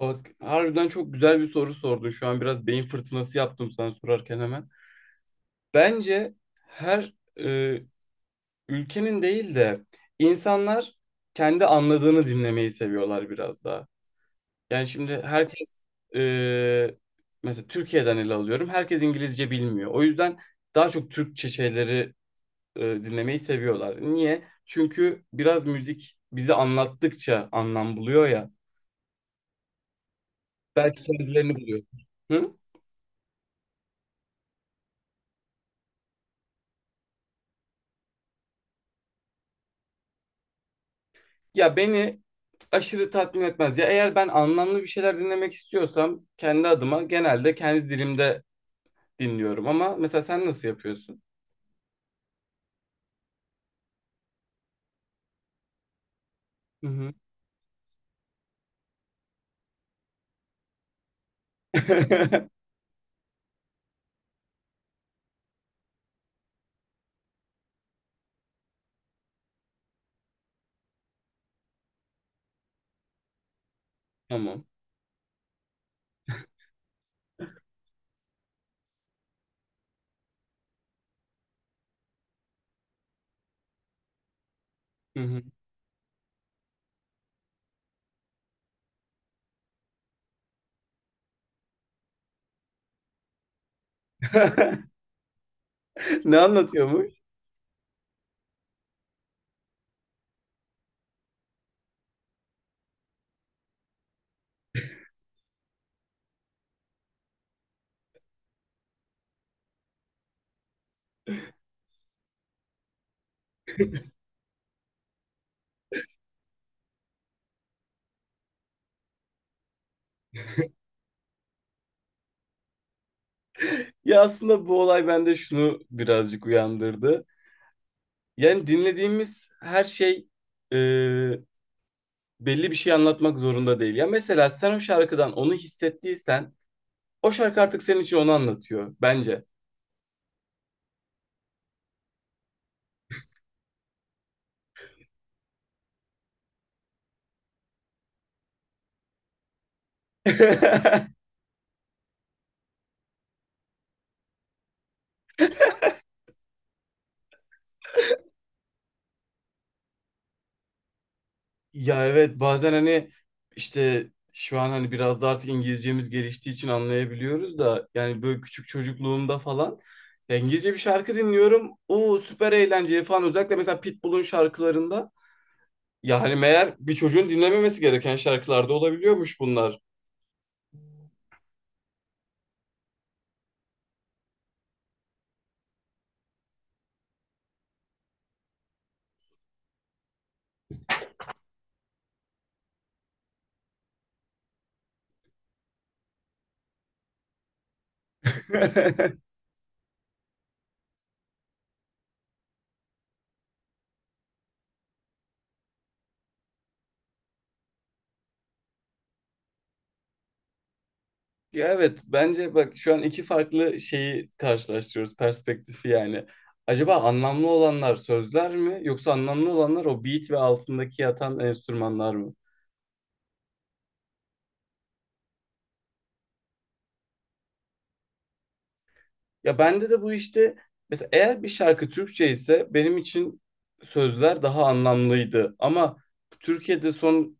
Bak harbiden çok güzel bir soru sordun. Şu an biraz beyin fırtınası yaptım sana sorarken hemen. Bence her e, ülkenin değil de insanlar kendi anladığını dinlemeyi seviyorlar biraz daha. Yani şimdi herkes e, mesela Türkiye'den ele alıyorum. Herkes İngilizce bilmiyor. O yüzden daha çok Türkçe şeyleri dinlemeyi seviyorlar. Niye? Çünkü biraz müzik bizi anlattıkça anlam buluyor ya. Belki kendilerini buluyor. Hı? Ya beni aşırı tatmin etmez. Ya eğer ben anlamlı bir şeyler dinlemek istiyorsam kendi adıma genelde kendi dilimde dinliyorum. Ama mesela sen nasıl yapıyorsun? Hı hı. Tamam. Hı hı. Ne anlatıyormuş? Ya aslında bu olay bende şunu birazcık uyandırdı. Yani dinlediğimiz her şey e, belli bir şey anlatmak zorunda değil. Ya mesela sen o şarkıdan onu hissettiysen o şarkı artık senin için onu anlatıyor bence. Ya evet bazen hani işte şu an hani biraz da artık İngilizcemiz geliştiği için anlayabiliyoruz da yani böyle küçük çocukluğumda falan ya İngilizce bir şarkı dinliyorum. Oo süper eğlenceli falan özellikle mesela Pitbull'un şarkılarında yani meğer bir çocuğun dinlememesi gereken şarkılarda olabiliyormuş bunlar. Ya evet bence bak şu an iki farklı şeyi karşılaştırıyoruz perspektifi yani. Acaba anlamlı olanlar sözler mi yoksa anlamlı olanlar o beat ve altındaki yatan enstrümanlar mı? Ya bende de bu işte mesela eğer bir şarkı Türkçe ise benim için sözler daha anlamlıydı. Ama Türkiye'de son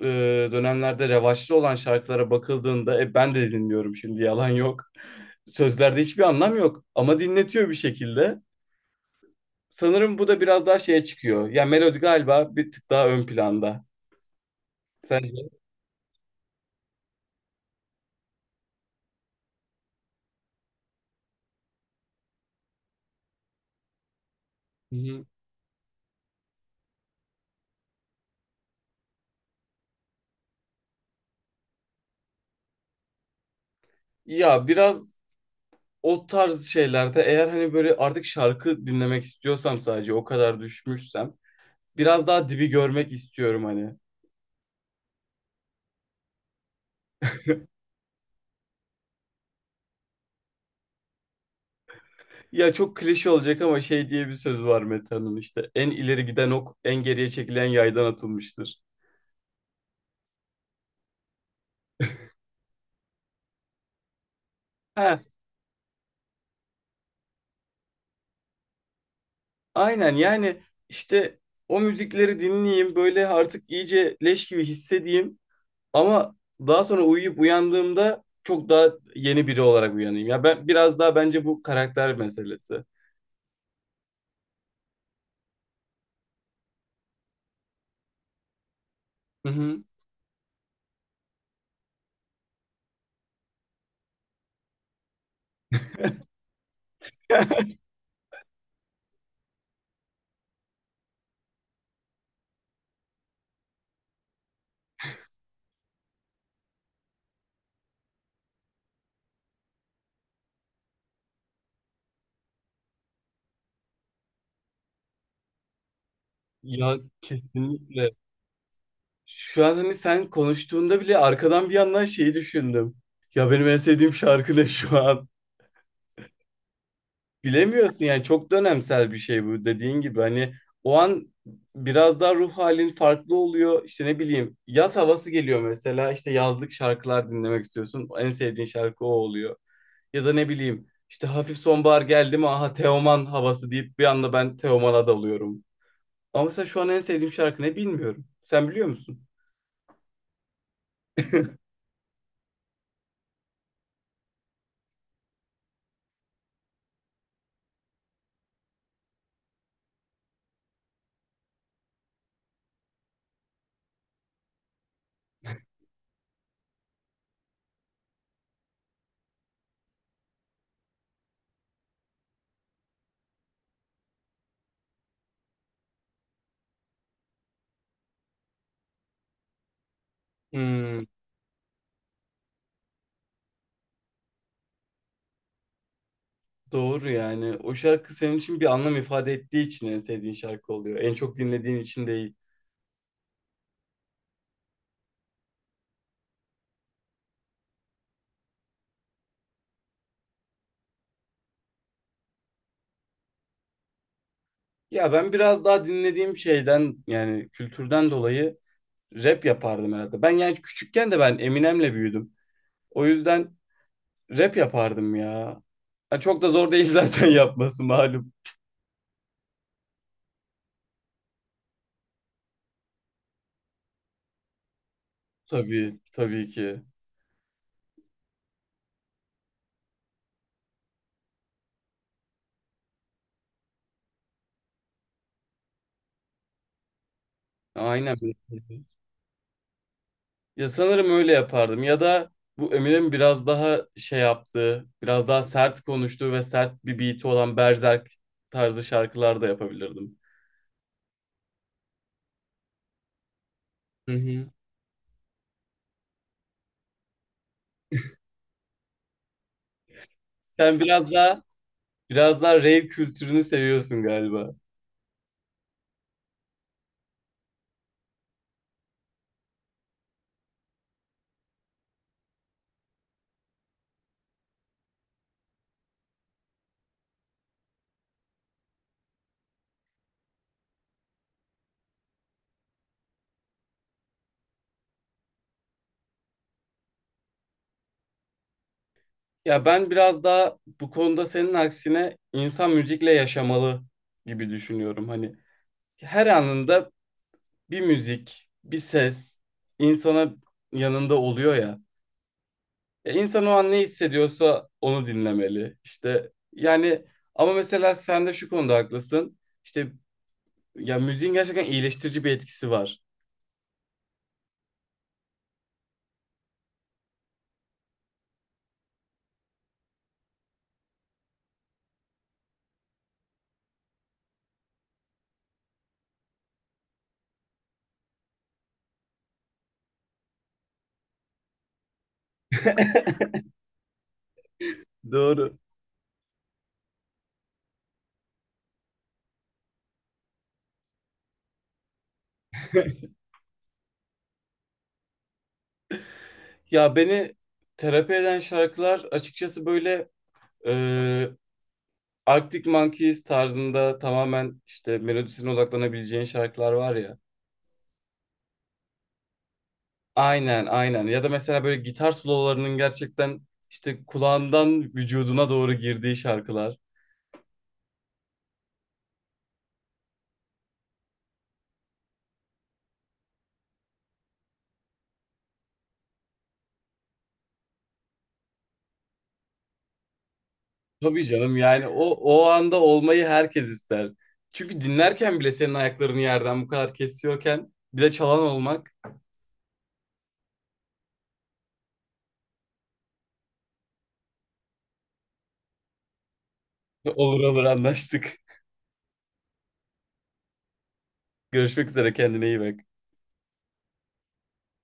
e, dönemlerde revaçlı olan şarkılara bakıldığında ben de dinliyorum şimdi yalan yok. Sözlerde hiçbir anlam yok ama dinletiyor bir şekilde. Sanırım bu da biraz daha şeye çıkıyor. Ya melodi galiba bir tık daha ön planda. Sence? Hı hı. Ya biraz o tarz şeylerde eğer hani böyle artık şarkı dinlemek istiyorsam sadece o kadar düşmüşsem biraz daha dibi görmek istiyorum hani. Ya çok klişe olacak ama şey diye bir söz var Meta'nın işte. En ileri giden ok en geriye çekilen yaydan atılmıştır. Ha, aynen yani işte o müzikleri dinleyeyim böyle artık iyice leş gibi hissedeyim ama daha sonra uyuyup uyandığımda çok daha yeni biri olarak uyanayım. Ya ben biraz daha bence bu karakter meselesi. Hı hı. Ya kesinlikle. Şu an hani sen konuştuğunda bile arkadan bir yandan şeyi düşündüm. Ya benim en sevdiğim şarkı ne şu an? Bilemiyorsun yani çok dönemsel bir şey bu dediğin gibi. Hani o an biraz daha ruh halin farklı oluyor. İşte ne bileyim yaz havası geliyor mesela. İşte yazlık şarkılar dinlemek istiyorsun. En sevdiğin şarkı o oluyor. Ya da ne bileyim işte hafif sonbahar geldi mi aha Teoman havası deyip bir anda ben Teoman'a dalıyorum. Ama mesela şu an en sevdiğim şarkı ne bilmiyorum. Sen biliyor musun? Hmm. Doğru yani. O şarkı senin için bir anlam ifade ettiği için en sevdiğin şarkı oluyor. En çok dinlediğin için değil. Ya ben biraz daha dinlediğim şeyden yani kültürden dolayı rap yapardım herhalde. Ben yani küçükken de ben Eminem'le büyüdüm. O yüzden rap yapardım ya. Yani çok da zor değil zaten yapması malum. Tabii, tabii ki. Aynen. Ya sanırım öyle yapardım ya da bu Eminem'in biraz daha şey yaptığı, biraz daha sert konuştuğu ve sert bir beat'i olan berzerk tarzı şarkılar da yapabilirdim. Hı hı. Sen biraz daha biraz daha rave kültürünü seviyorsun galiba. Ya ben biraz daha bu konuda senin aksine insan müzikle yaşamalı gibi düşünüyorum. Hani her anında bir müzik, bir ses insana yanında oluyor ya. Ya İnsan o an ne hissediyorsa onu dinlemeli. İşte yani ama mesela sen de şu konuda haklısın. İşte ya müziğin gerçekten iyileştirici bir etkisi var. Doğru. Ya beni terapi eden şarkılar açıkçası böyle e, Arctic Monkeys tarzında tamamen işte melodisine odaklanabileceğin şarkılar var ya. Aynen aynen. Ya da mesela böyle gitar sololarının gerçekten işte kulağından vücuduna doğru girdiği şarkılar. Tabii canım yani o anda olmayı herkes ister. Çünkü dinlerken bile senin ayaklarını yerden bu kadar kesiyorken bir de çalan olmak olur olur anlaştık. Görüşmek üzere kendine iyi bak.